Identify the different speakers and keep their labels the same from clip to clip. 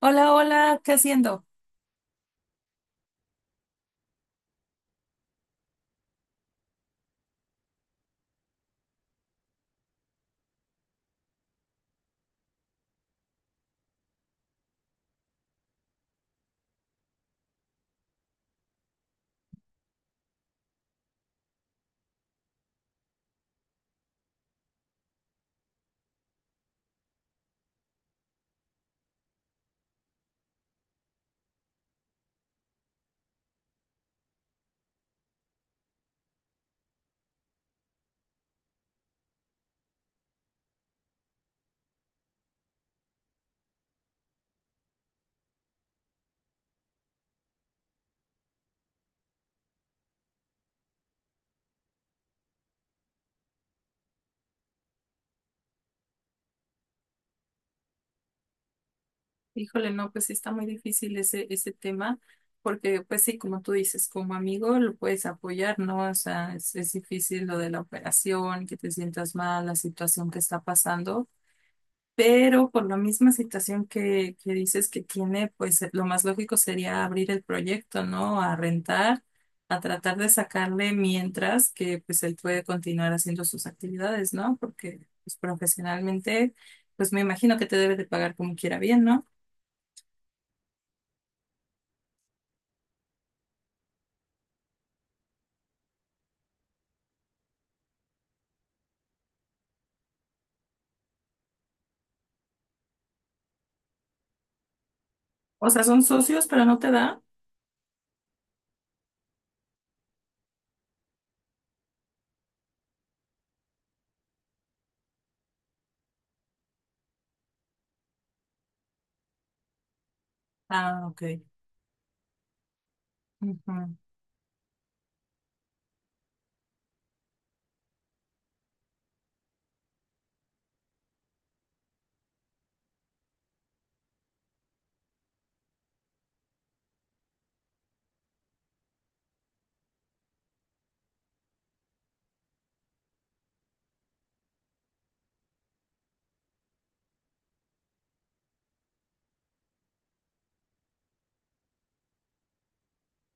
Speaker 1: Hola, hola, ¿qué haciendo? Híjole, no, pues sí está muy difícil ese tema, porque pues sí, como tú dices, como amigo lo puedes apoyar, ¿no? O sea, es difícil lo de la operación, que te sientas mal, la situación que está pasando. Pero por la misma situación que dices que tiene, pues lo más lógico sería abrir el proyecto, ¿no? A rentar, a tratar de sacarle mientras que pues él puede continuar haciendo sus actividades, ¿no? Porque pues, profesionalmente, pues me imagino que te debe de pagar como quiera bien, ¿no? O sea, son socios, pero no te da. Ah, ok. Ujú.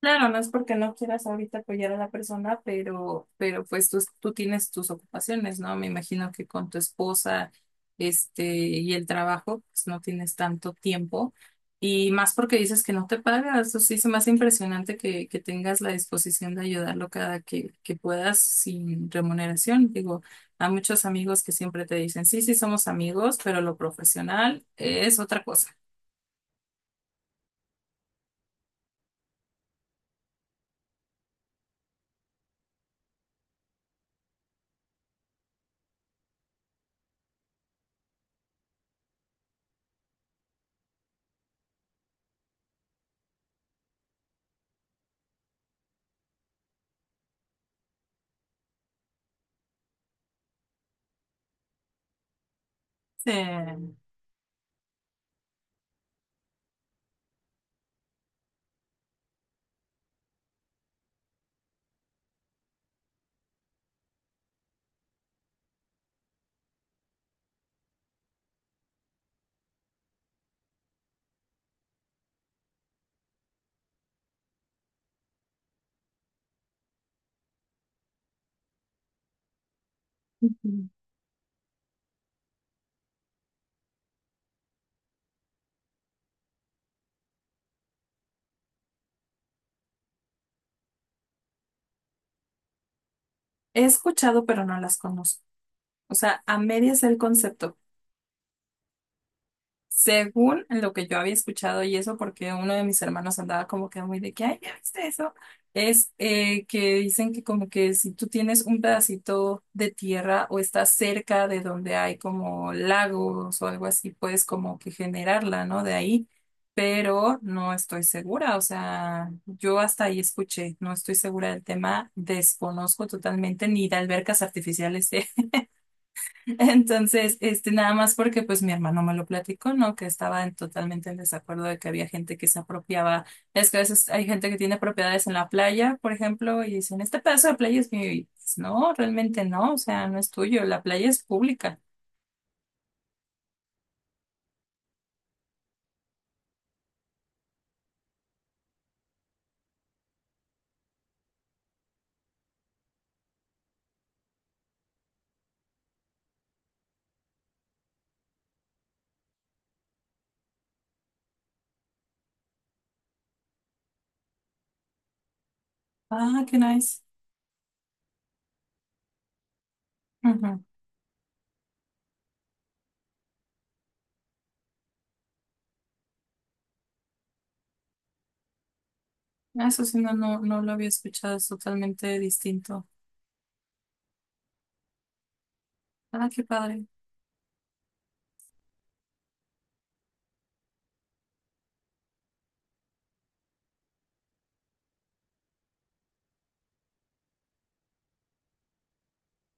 Speaker 1: Claro, no es porque no quieras ahorita apoyar a la persona, pero pues tú tienes tus ocupaciones, ¿no? Me imagino que con tu esposa, este, y el trabajo, pues no tienes tanto tiempo. Y más porque dices que no te pagas, eso sí se me hace impresionante que tengas la disposición de ayudarlo cada que puedas sin remuneración. Digo, a muchos amigos que siempre te dicen, sí, sí, somos amigos, pero lo profesional es otra cosa. Eh, Ujú. He escuchado, pero no las conozco. O sea, a medias el concepto. Según lo que yo había escuchado y eso, porque uno de mis hermanos andaba como que muy de que, ay, ¿ya viste eso? Es que dicen que como que si tú tienes un pedacito de tierra o estás cerca de donde hay como lagos o algo así, puedes como que generarla, ¿no? De ahí, pero no estoy segura, o sea, yo hasta ahí escuché, no estoy segura del tema, desconozco totalmente ni de albercas artificiales. Entonces, este, nada más porque pues mi hermano me lo platicó, ¿no? Que estaba en- totalmente en desacuerdo de que había gente que se apropiaba. Es que a veces hay gente que tiene propiedades en la playa, por ejemplo, y dicen, este pedazo de playa es mío. Y, pues, no, realmente no, o sea, no es tuyo, la playa es pública. Ah, qué nice. Ujú. Eso sí, no lo había escuchado, es totalmente distinto. Ah, qué padre.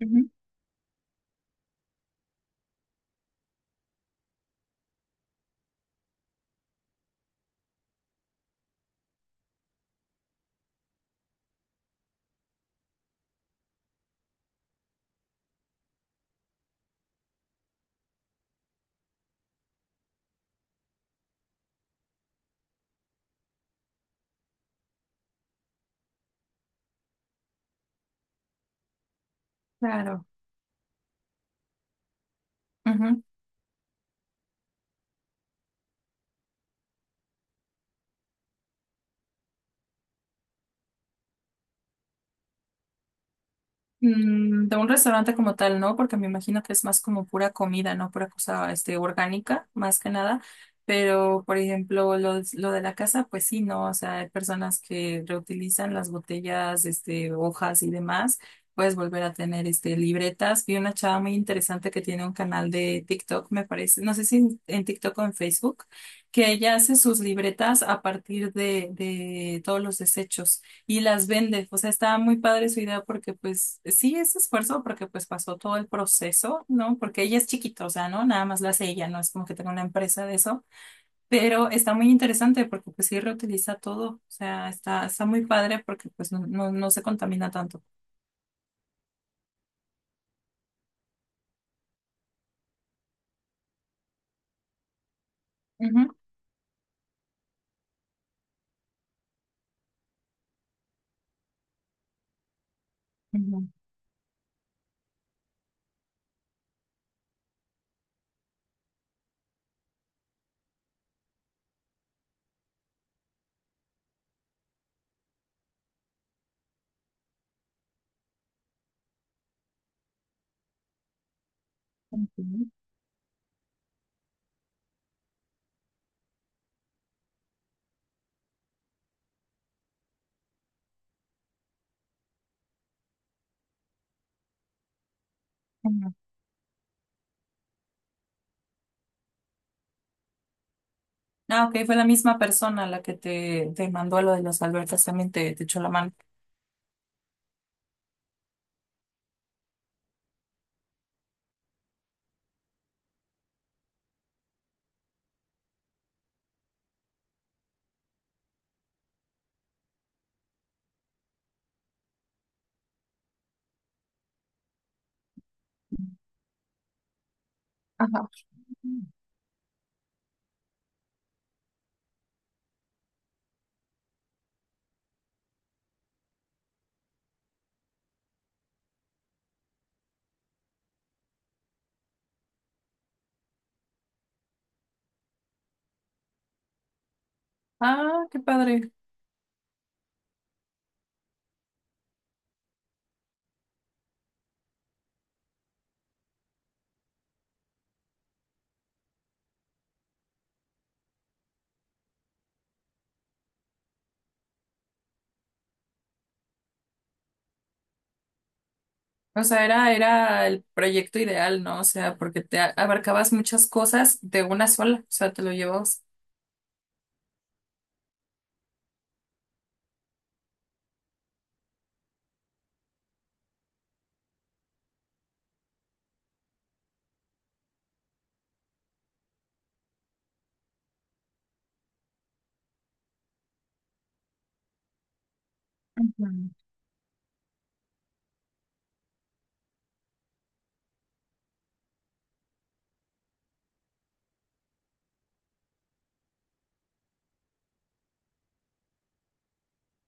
Speaker 1: Ujú. Claro. Ujú. Mm, de un restaurante como tal, ¿no? Porque me imagino que es más como pura comida, ¿no? Pura cosa, este, orgánica, más que nada. Pero, por ejemplo, lo de la casa, pues sí, ¿no? O sea, hay personas que reutilizan las botellas, este, hojas y demás. Puedes volver a tener, este, libretas. Vi una chava muy interesante que tiene un canal de TikTok, me parece. No sé si en TikTok o en Facebook, que ella hace sus libretas a partir de todos los desechos y las vende. O sea, está muy padre su idea porque pues sí es esfuerzo porque pues pasó todo el proceso, ¿no? Porque ella es chiquita, o sea, ¿no? Nada más la hace ella, no es como que tenga una empresa de eso, pero está muy interesante porque pues sí reutiliza todo, o sea, está muy padre porque pues no se contamina tanto. Ujú, ujú, ujú, ujú. Ah, ok, fue la misma persona la que te mandó lo de los albertas, también te echó la mano. Ajá. Ah, qué padre. O sea, era el proyecto ideal, ¿no? O sea, porque te a- abarcabas muchas cosas de una sola, o sea, te lo llevabas. Mm,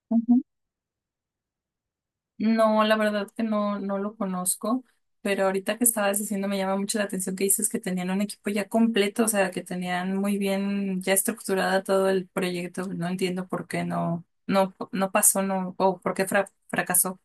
Speaker 1: ujú. No, la verdad que no, no lo conozco, pero ahorita que estabas diciendo me llama mucho la atención que dices que tenían un equipo ya completo, o sea, que tenían muy bien ya estructurada todo el proyecto. No entiendo por qué no pasó, no, o por qué fra- fracasó.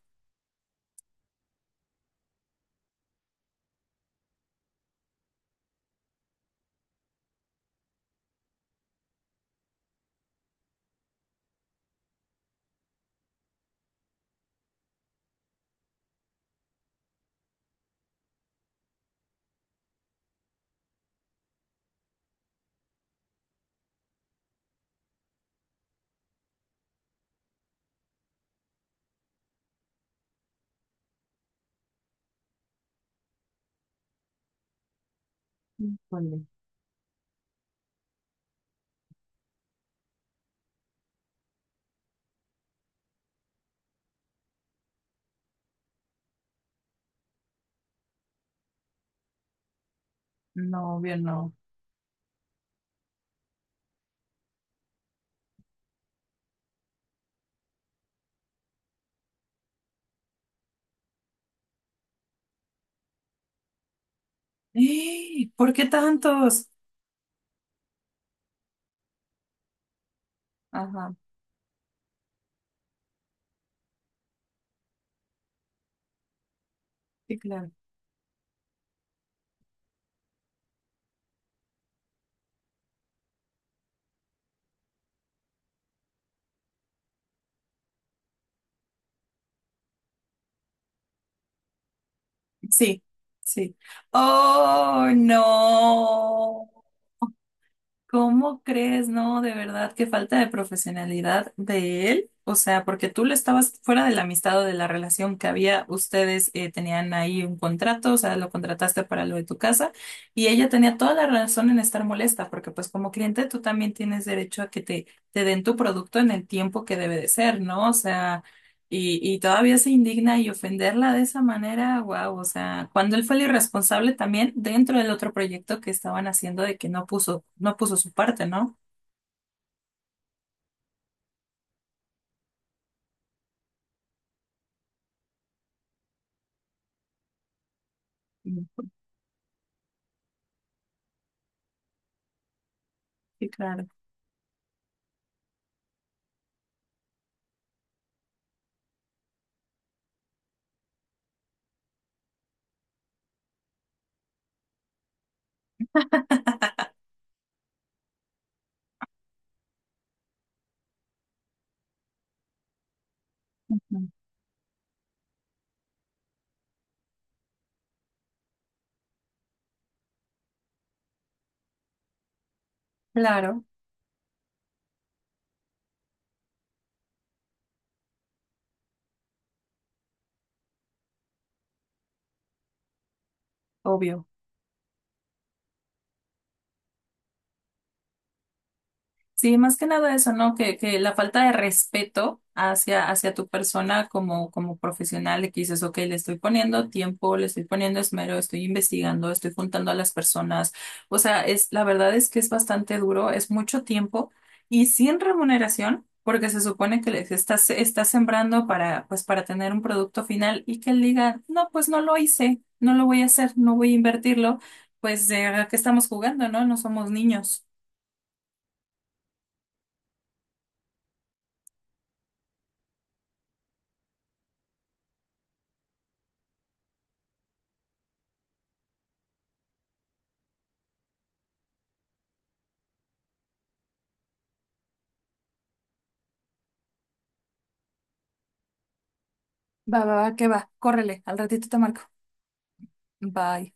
Speaker 1: Híjole. No, obvio, no. ¡Eh! ¿Por qué tantos? Ajá, sí, claro. Sí, sí. Oh, no. ¿Cómo crees? No, de verdad, qué falta de profesionalidad de él. O sea, porque tú le estabas fuera de la amistad o de la relación que había, ustedes tenían ahí un contrato, o sea, lo contrataste para lo de tu casa y ella tenía toda la razón en estar molesta, porque pues como cliente tú también tienes derecho a que te den tu producto en el tiempo que debe de ser, ¿no? O sea... Y todavía se indigna y ofenderla de esa manera, wow, o sea, cuando él fue el irresponsable también dentro del otro proyecto que estaban haciendo de que no puso, no puso su parte, ¿no? Mm. Sí, claro. Ujú. Claro, obvio. Sí, más que nada eso, ¿no? Que la falta de respeto hacia tu persona como, como profesional, de que dices, ok, le estoy poniendo tiempo, le estoy poniendo esmero, estoy investigando, estoy juntando a las personas. O sea, es, la verdad es que es bastante duro, es mucho tiempo y sin remuneración, porque se supone que estás sembrando para, pues, para tener un producto final y que él diga, no, pues no lo hice, no lo voy a hacer, no voy a invertirlo, pues, ¿de qué estamos jugando, no? No somos niños. Va, va, va, que va. Córrele, al ratito te marco. Bye.